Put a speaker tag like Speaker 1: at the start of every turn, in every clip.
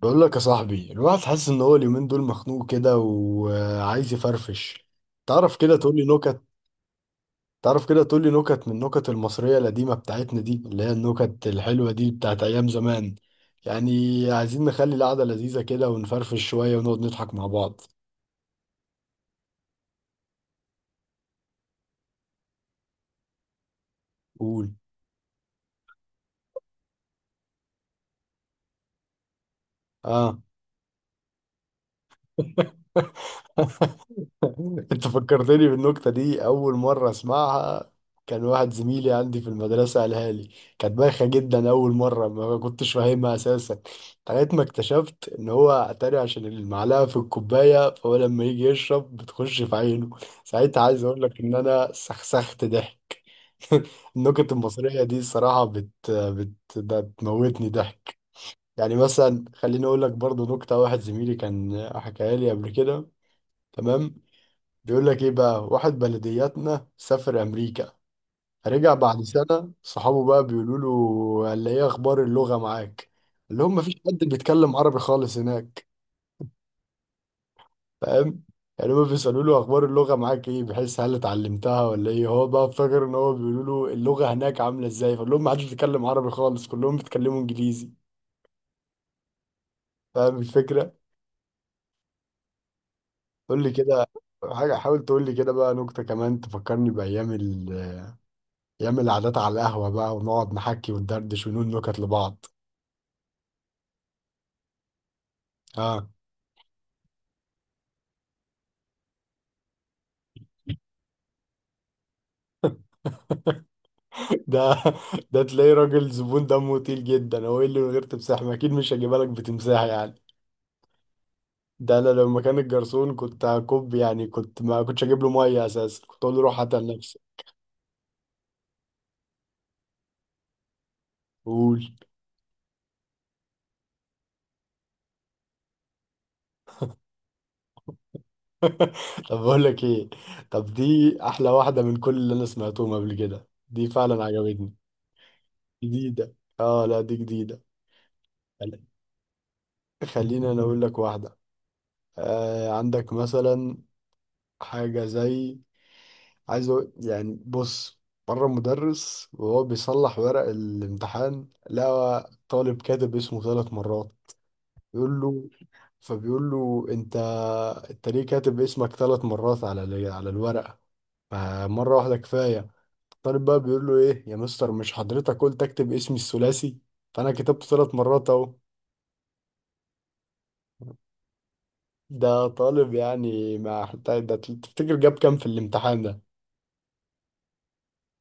Speaker 1: بقول لك يا صاحبي، الواحد حاسس ان هو اليومين دول مخنوق كده وعايز يفرفش. تعرف كده، تقول لي نكت. تعرف كده تقول لي نكت من النكت المصرية القديمة بتاعتنا دي، اللي هي النكت الحلوة دي بتاعت ايام زمان. يعني عايزين نخلي القعدة لذيذة كده ونفرفش شوية ونقعد نضحك مع بعض. قول. اه، انت فكرتني بالنكتة دي. اول مرة اسمعها كان واحد زميلي عندي في المدرسة قالها لي. كانت بايخة جدا، اول مرة ما كنتش فاهمها اساسا، لغاية ما اكتشفت ان هو اتاري عشان المعلقة في الكوباية، فهو لما يجي يشرب بتخش في عينه. ساعتها عايز اقول لك ان انا سخسخت ضحك. النكت المصرية دي الصراحة ده بتموتني ضحك. يعني مثلا خليني اقول لك برضو نكتة واحد زميلي كان حكاها لي قبل كده. تمام. بيقول لك ايه بقى، واحد بلدياتنا سافر امريكا، رجع بعد سنة. صحابه بقى بيقولوا له، قال لي ايه اخبار اللغة معاك؟ اللي هم مفيش حد بيتكلم عربي خالص هناك، فاهم؟ يعني هم بيسألوا له اخبار اللغة معاك ايه، بحيث هل اتعلمتها ولا ايه. هو بقى افتكر ان هو بيقولوا له اللغة هناك عاملة ازاي، فقال لهم محدش بيتكلم عربي خالص، كلهم بيتكلموا انجليزي. فاهم الفكرة؟ قول لي كده حاجة. حاول تقول لي كده بقى نكتة كمان تفكرني بأيام يعمل قعدات على القهوة بقى، ونقعد نحكي وندردش ونقول نكت لبعض. اه. ده ده تلاقيه راجل زبون دمه تقيل جدا. هو ايه اللي من غير تمساح؟ ما اكيد مش هجيبها لك بتمساح يعني. ده انا لو مكان الجرسون كنت هكب. يعني كنت ما كنتش هجيب له ميه اساسا، كنت اقول له روح هات لنفسك. قول. طب بقول لك ايه، طب دي احلى واحده من كل اللي انا سمعتهم قبل كده، دي فعلا عجبتني. جديده، اه لا دي جديده. خلينا انا اقول لك واحده. آه، عندك مثلا حاجه زي، عايز أقول يعني بص. مرة مدرس وهو بيصلح ورق الامتحان لقى طالب كاتب اسمه ثلاث مرات. بيقول له، فبيقول له، انت ليه كاتب اسمك ثلاث مرات على على الورقة؟ فمرة واحدة كفاية. الطالب بقى بيقول له ايه يا مستر، مش حضرتك قلت اكتب اسمي الثلاثي؟ فانا كتبته ثلاث مرات اهو. ده طالب، يعني ما حتى ده تفتكر جاب كام في الامتحان ده؟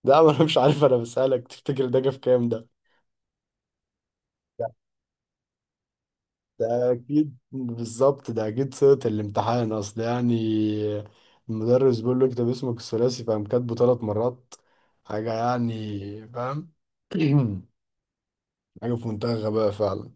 Speaker 1: ده انا مش عارف، انا بسألك تفتكر ده جاب كام ده. ده أكيد بالظبط، ده أكيد صيغة الامتحان أصل يعني. المدرس بيقول له اكتب اسمك الثلاثي فقام كاتبه ثلاث مرات. حاجة يعني، فاهم. حاجة في منتهى الغباء فعلا.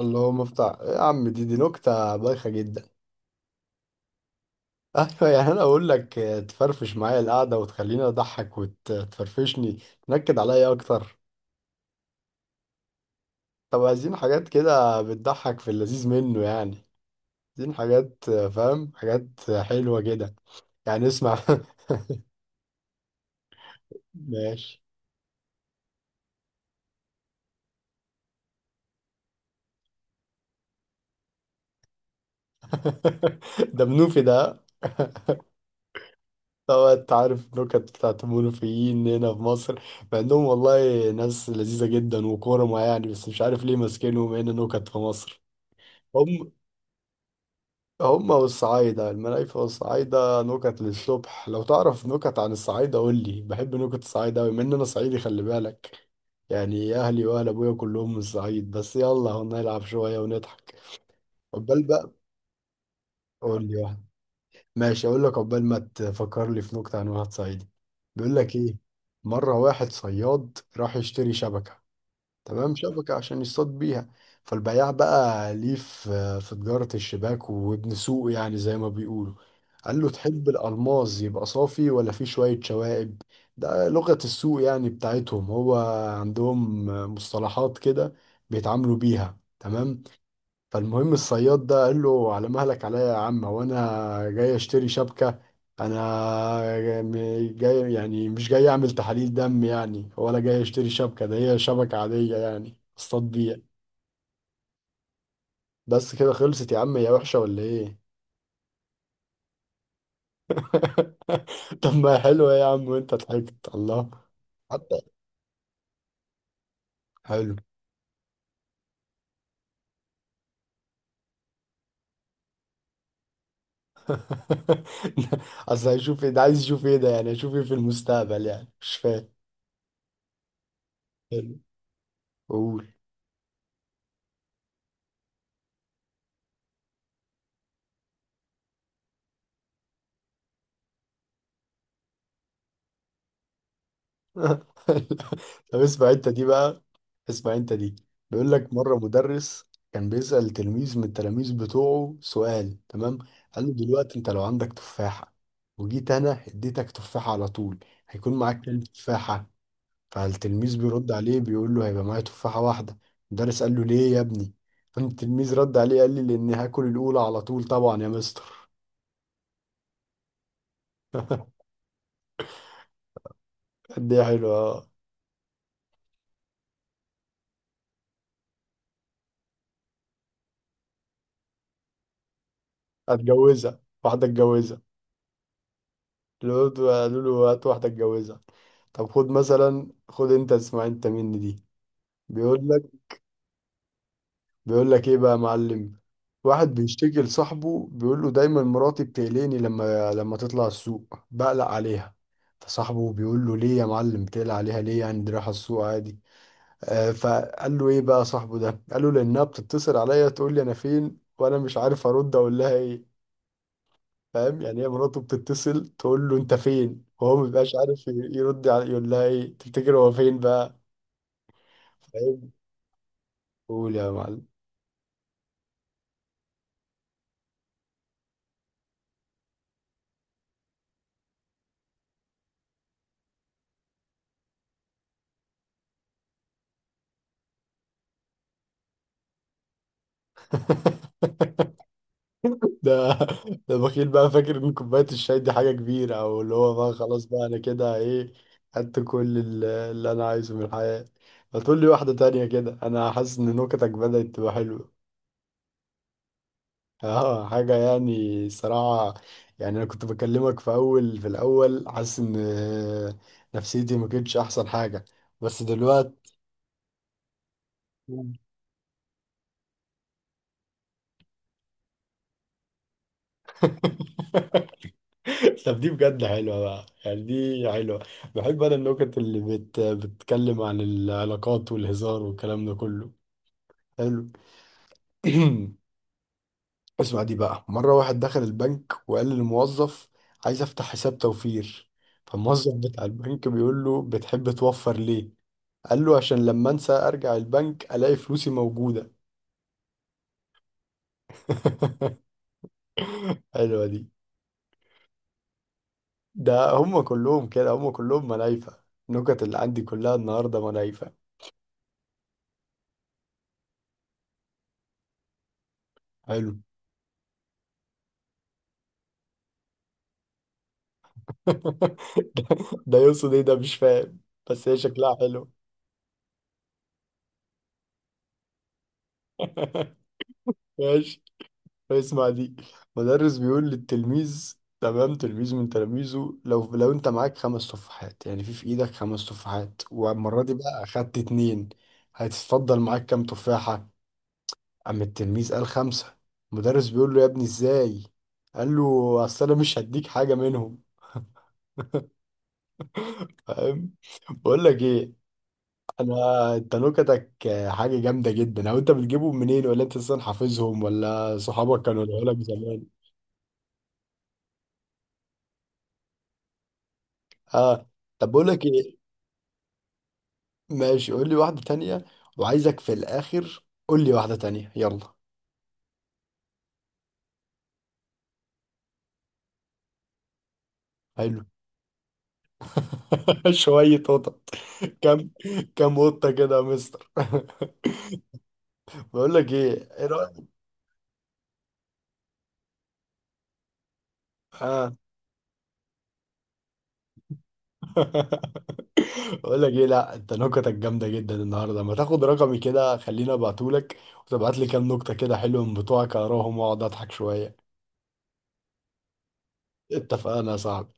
Speaker 1: اللي هو مفتاح يا عم، دي نكتة بايخة جدا. أيوة، يعني أنا أقول لك تفرفش معايا القعدة وتخليني أضحك وتفرفشني، تنكد عليا أكتر. طب عايزين حاجات كده بتضحك في اللذيذ منه يعني. عايزين حاجات، فاهم، حاجات حلوة كده، يعني اسمع. ماشي. ده منوفي ده. طبعا انت عارف نكت بتاعت المنوفيين هنا في مصر. مع انهم والله ناس لذيذة جدا وكرمة يعني، بس مش عارف ليه ماسكينهم هنا نكت في مصر. هم هم والصعايدة المنايفة والصعايدة نكت للصبح. لو تعرف نكت عن الصعايدة قول لي، بحب نكت الصعايدة أوي. من أنا صعيدي خلي بالك، يعني أهلي وأهل أبويا كلهم من الصعيد. بس يلا هنلعب شوية ونضحك. قبل بقى قول لي واحدة. ماشي، اقول لك عقبال ما تفكر لي في نكته عن واحد صعيدي. بيقول لك ايه، مره واحد صياد راح يشتري شبكه. تمام، شبكه عشان يصطاد بيها. فالبياع بقى ليه في تجاره الشباك، وابن سوق يعني زي ما بيقولوا، قال له تحب الالماس يبقى صافي ولا فيه شويه شوائب. ده لغه السوق يعني بتاعتهم، هو عندهم مصطلحات كده بيتعاملوا بيها. تمام. فالمهم الصياد ده قال له على مهلك عليا يا عم، وانا جاي اشتري شبكة. انا جاي يعني، مش جاي اعمل تحاليل دم يعني ولا جاي اشتري شبكة، ده هي شبكة عادية يعني اصطاد بيها بس كده. خلصت يا عم، هي وحشة ولا ايه؟ طب ما هي حلوة يا عم، وانت ضحكت الله. حتى حلو. اصل هيشوف ايه ده؟ عايز يشوف ايه ده؟ يعني هيشوف ايه في المستقبل؟ يعني مش فاهم. حلو، قول. طب اسمع انت دي بقى، اسمع انت دي. بيقول لك مرة مدرس كان بيسأل تلميذ من التلاميذ بتوعه سؤال. تمام. قال له دلوقتي انت لو عندك تفاحة، وجيت انا اديتك تفاحة على طول، هيكون معاك كام تفاحة؟ فالتلميذ بيرد عليه بيقول له هيبقى معايا تفاحة واحدة. المدرس قال له ليه يا ابني؟ التلميذ رد عليه قال لي لاني هاكل الاولى على طول طبعا يا مستر. قد ايه حلوة، اه. هتجوزها؟ واحدة اتجوزها، لقيت قالوا له هات واحدة اتجوزها. طب خد مثلا، خد انت اسمع انت مني دي. بيقول لك بيقول لك ايه بقى يا معلم. واحد بيشتكي لصاحبه بيقول له دايما مراتي بتقلقني، لما تطلع السوق بقلق عليها. فصاحبه بيقول له ليه يا معلم بتقلق عليها ليه يعني، دي رايحة السوق عادي. آه، فقال له ايه بقى صاحبه ده، قال له لانها بتتصل عليا تقول لي انا فين، وانا مش عارف ارد اقول لها ايه. فاهم يعني، هي مراته بتتصل تقول له انت فين، وهو ما بيبقاش عارف يرد على يقول لها ايه. تفتكر هو فين بقى؟ فاهم. قول يا معلم. ده ده بخيل بقى، فاكر ان كوبايه الشاي دي حاجه كبيره. او اللي هو بقى خلاص بقى انا كده ايه، خدت كل اللي انا عايزه من الحياه. ما تقول لي واحده تانية كده، انا حاسس ان نكتك بدأت تبقى حلوه. اه حاجة يعني صراحة، يعني انا كنت بكلمك في الاول حاسس ان نفسيتي ما كانتش احسن حاجة، بس دلوقتي. طب دي بجد حلوة بقى، يعني دي حلوة. بحب انا النكت اللي بتتكلم عن العلاقات والهزار والكلام ده كله. حلو. اسمع دي بقى. مرة واحد دخل البنك وقال للموظف عايز افتح حساب توفير. فالموظف بتاع البنك بيقول له بتحب توفر ليه؟ قال له عشان لما انسى ارجع البنك الاقي فلوسي موجودة. حلوة دي. ده هم كلهم كده، هم كلهم ملايفة. النكت اللي عندي كلها النهاردة ملايفة. حلو. ده، ده يقصد ايه ده؟ مش فاهم. بس هي شكلها حلو. ماشي، اسمع دي. مدرس بيقول للتلميذ، تمام، تلميذ من تلاميذه، لو انت معاك خمس تفاحات، يعني في ايدك خمس تفاحات، والمرة دي بقى اخدت اتنين، هتتفضل معاك كام تفاحة؟ قام التلميذ قال خمسة. المدرس بيقول له يا ابني ازاي؟ قال له اصل انا مش هديك حاجة منهم. فاهم؟ بقول لك ايه، انا انت نكتك حاجة جامدة جدا. او انت بتجيبهم منين، ولا انت اصلا حافظهم، ولا صحابك كانوا قالوا لك زمان؟ اه. طب بقول لك ايه، ماشي قول لي واحدة تانية، وعايزك في الاخر قول لي واحدة تانية يلا. حلو. شوية قطط، كم، كم قطة كده يا مستر. بقول لك ايه، ايه رأيك؟ اه. بقول لك ايه، لا انت نكتك جامده جدا النهارده، ما تاخد رقمي كده خليني ابعتهولك، وتبعت لي كام نكته كده حلوه من بتوعك اقراهم واقعد اضحك شويه. اتفقنا يا صاحبي.